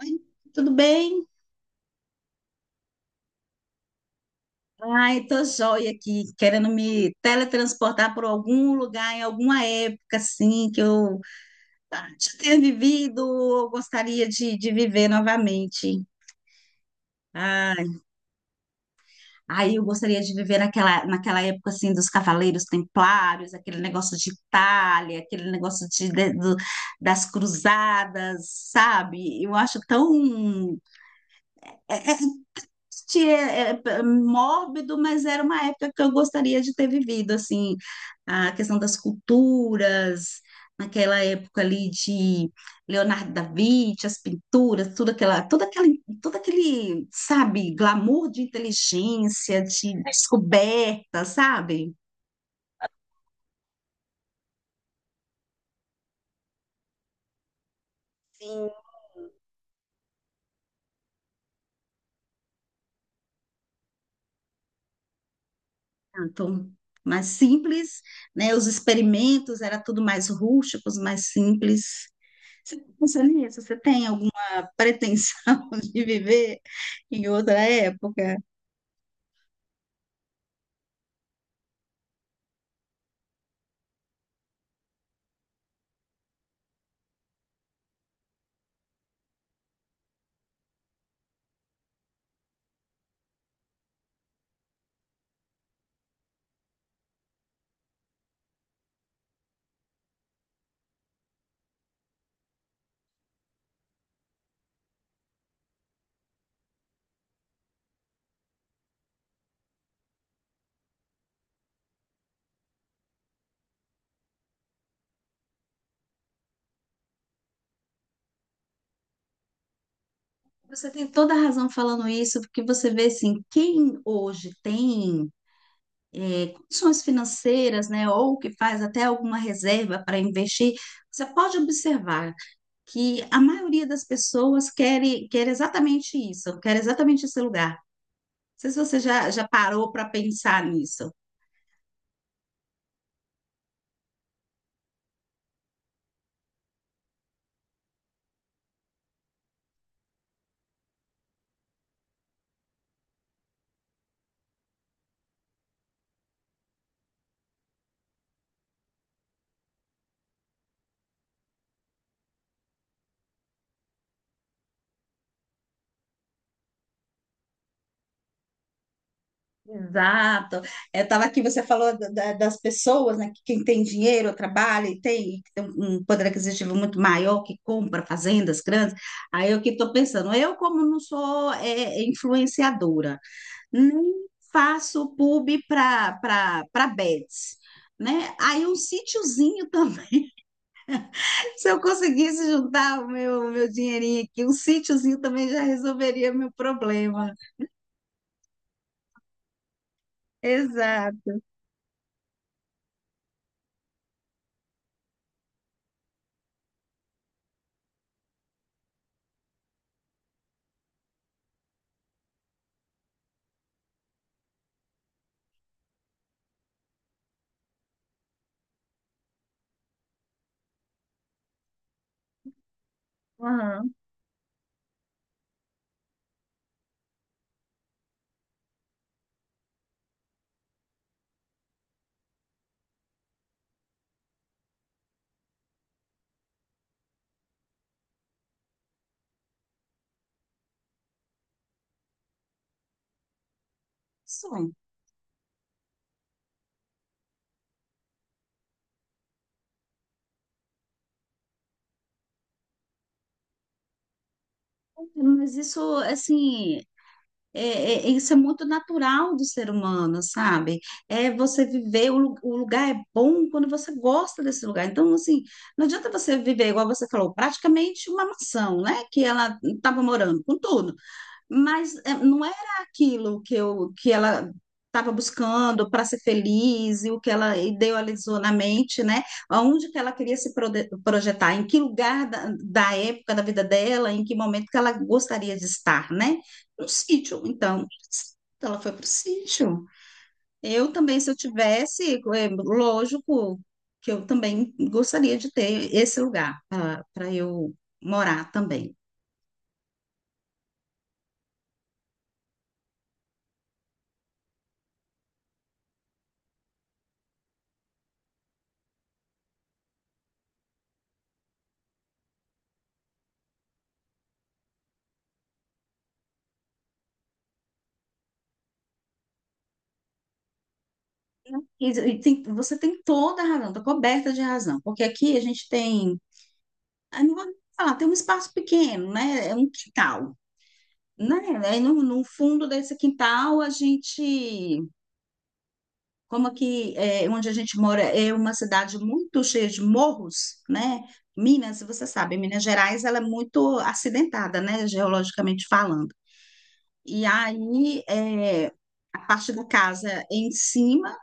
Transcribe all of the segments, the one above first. Oi, tudo bem? Ai, tô joia aqui, querendo me teletransportar por algum lugar, em alguma época, assim, que eu já tenha vivido, ou gostaria de viver novamente. Ai, aí eu gostaria de viver naquela época, assim, dos Cavaleiros Templários, aquele negócio de Itália, aquele negócio das cruzadas, sabe? Eu acho tão é, é triste, mórbido, mas era uma época que eu gostaria de ter vivido, assim, a questão das culturas, naquela época ali de Leonardo da Vinci, as pinturas, tudo aquela, toda aquela, todo aquele, sabe, glamour de inteligência, de descoberta, sabe? Sim. Então, mais simples, né? Os experimentos era tudo mais rústicos, mais simples. Você pensa nisso? Você tem alguma pretensão de viver em outra época? Você tem toda a razão falando isso, porque você vê assim, quem hoje tem é, condições financeiras, né, ou que faz até alguma reserva para investir, você pode observar que a maioria das pessoas quer, quer exatamente isso, quer exatamente esse lugar. Não sei se você já parou para pensar nisso. Exato. Eu estava aqui, você falou das pessoas, né? Quem tem dinheiro, trabalha e tem, que tem um poder aquisitivo muito maior, que compra fazendas grandes. Aí eu que estou pensando, eu como não sou é, influenciadora, nem faço pub para bets, né? Aí um sítiozinho também, se eu conseguisse juntar o meu dinheirinho aqui, um sítiozinho também já resolveria meu problema. Exato. Aham. Isso. Mas isso, assim, é, isso é muito natural do ser humano, sabe? É você viver, o lugar é bom quando você gosta desse lugar. Então, assim, não adianta você viver, igual você falou, praticamente uma mansão, né? Que ela estava morando, com tudo, mas eh, não era aquilo que eu que ela estava buscando para ser feliz e o que ela idealizou na mente, né? Aonde que ela queria se projetar, em que lugar da época da vida dela, em que momento que ela gostaria de estar, né? No sítio. Então, ela foi para o sítio. Eu também, se eu tivesse, é, lógico que eu também gostaria de ter esse lugar para eu morar também. Você tem toda a razão, está coberta de razão, porque aqui a gente tem, ah, não vou falar, tem um espaço pequeno, né? É um quintal, né? Aí no fundo desse quintal a gente, como aqui é, onde a gente mora é uma cidade muito cheia de morros, né? Minas, você sabe, Minas Gerais ela é muito acidentada, né? Geologicamente falando. E aí é, a parte da casa é em cima.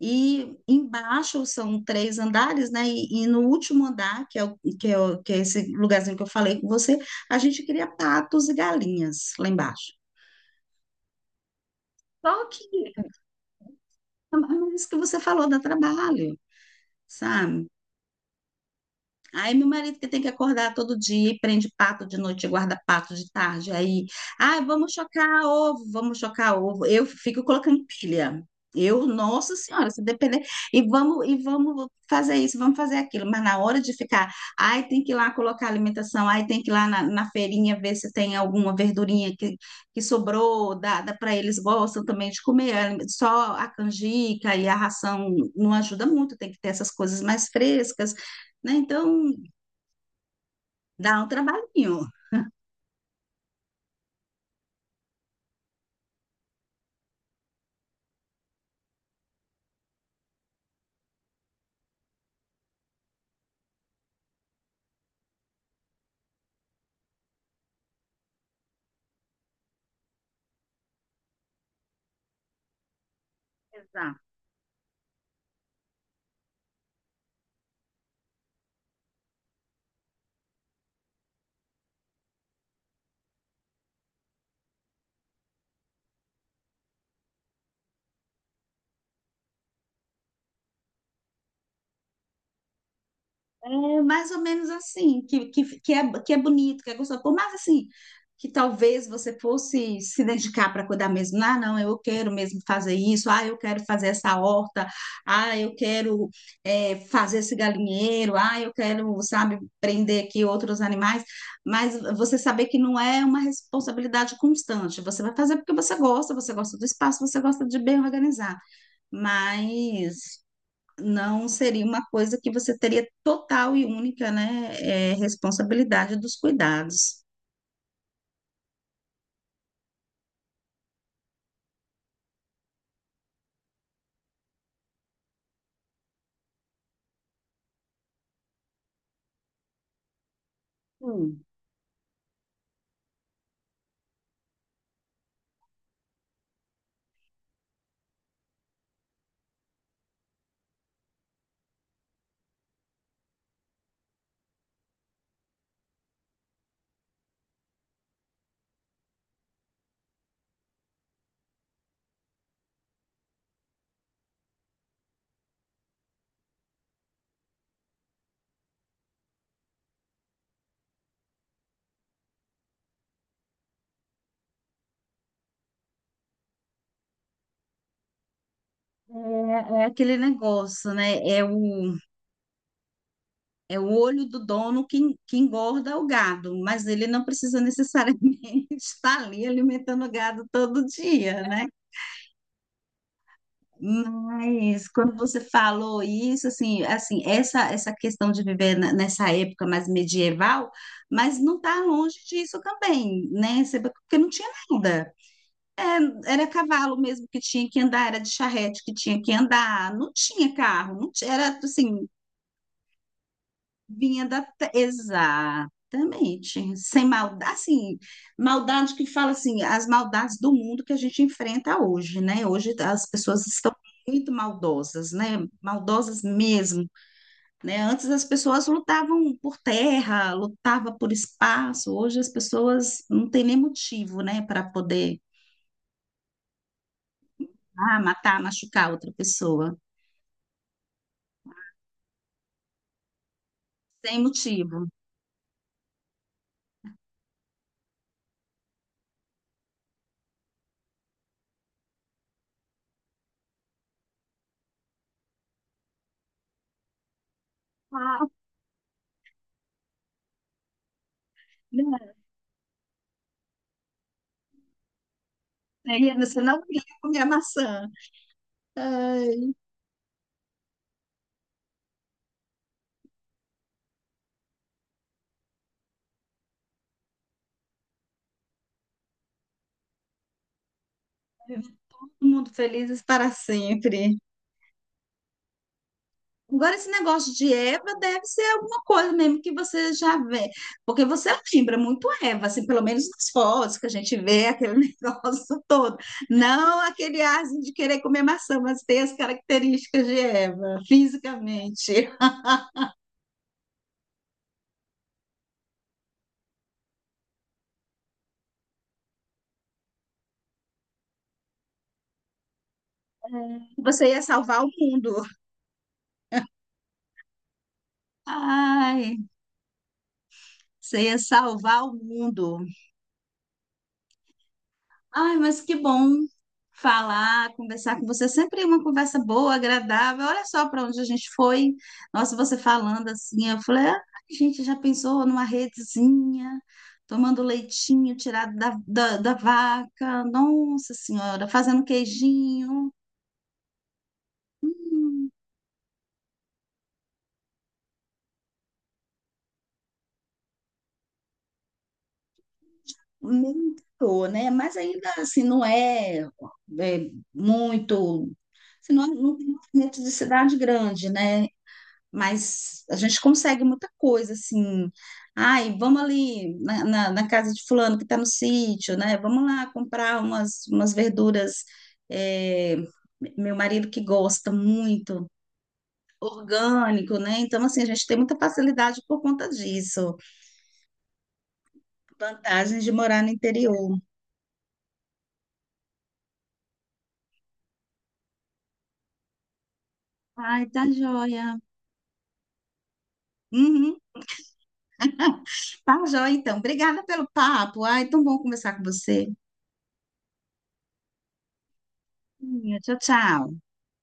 E embaixo são três andares, né? E no último andar, que é que é esse lugarzinho que eu falei com você, a gente cria patos e galinhas lá embaixo. Só que é isso que você falou, dá trabalho, sabe? Aí meu marido que tem que acordar todo dia, e prende pato de noite, e guarda pato de tarde. Aí, ah, vamos chocar ovo, vamos chocar ovo. Eu fico colocando pilha. Eu, nossa senhora, se depender, e vamos fazer isso, vamos fazer aquilo, mas na hora de ficar, ai, tem que ir lá colocar alimentação, ai, tem que ir lá na feirinha ver se tem alguma verdurinha que sobrou, dá para eles gostam também de comer, só a canjica e a ração não ajuda muito, tem que ter essas coisas mais frescas, né? Então, dá um trabalhinho. Exato. É mais ou menos assim, que é bonito, que é gostoso. Por mais assim, que talvez você fosse se dedicar para cuidar mesmo. Ah, não, eu quero mesmo fazer isso. Ah, eu quero fazer essa horta. Ah, eu quero é, fazer esse galinheiro. Ah, eu quero, sabe, prender aqui outros animais. Mas você saber que não é uma responsabilidade constante. Você vai fazer porque você gosta do espaço, você gosta de bem organizar. Mas não seria uma coisa que você teria total e única, né, é, responsabilidade dos cuidados. Hum, É, é aquele negócio, né? É o olho do dono que, que engorda o gado, mas ele não precisa necessariamente estar ali alimentando o gado todo dia, né? Mas quando você falou isso, assim, assim, essa questão de viver nessa época mais medieval, mas não está longe disso também, né? Você... Porque não tinha nada. Era cavalo mesmo que tinha que andar, era de charrete que tinha que andar, não tinha carro, não ti- era assim, vinha da... Exatamente. Sem maldade, assim, maldade que fala assim, as maldades do mundo que a gente enfrenta hoje, né? Hoje as pessoas estão muito maldosas, né? Maldosas mesmo, né? Antes as pessoas lutavam por terra, lutavam por espaço, hoje as pessoas não têm nem motivo, né, para poder ah, matar, machucar outra pessoa. Sem motivo. Ah, né? Aí você não queria comer a maçã. Ai, todo mundo felizes para sempre. Agora, esse negócio de Eva deve ser alguma coisa mesmo que você já vê. Porque você lembra muito Eva, assim, pelo menos nas fotos que a gente vê, aquele negócio todo. Não aquele asno de querer comer maçã, mas tem as características de Eva, fisicamente. Você ia salvar o mundo. Ai, você ia salvar o mundo. Ai, mas que bom falar, conversar com você. É sempre uma conversa boa, agradável. Olha só para onde a gente foi. Nossa, você falando assim, eu falei, ah, a gente já pensou numa redezinha, tomando leitinho tirado da vaca. Nossa Senhora, fazendo queijinho. Nem tô, né? Mas ainda assim, não é, é muito. Assim, não, é, não tem movimento de cidade grande, né? Mas a gente consegue muita coisa, assim. Ai, vamos ali na casa de fulano que está no sítio, né? Vamos lá comprar umas, umas verduras. É, meu marido que gosta muito, orgânico, né? Então, assim, a gente tem muita facilidade por conta disso. Vantagens de morar no interior. Ai, tá joia. Uhum. Tá joia, então. Obrigada pelo papo. Ai, tão bom conversar com você. Tchau, tchau.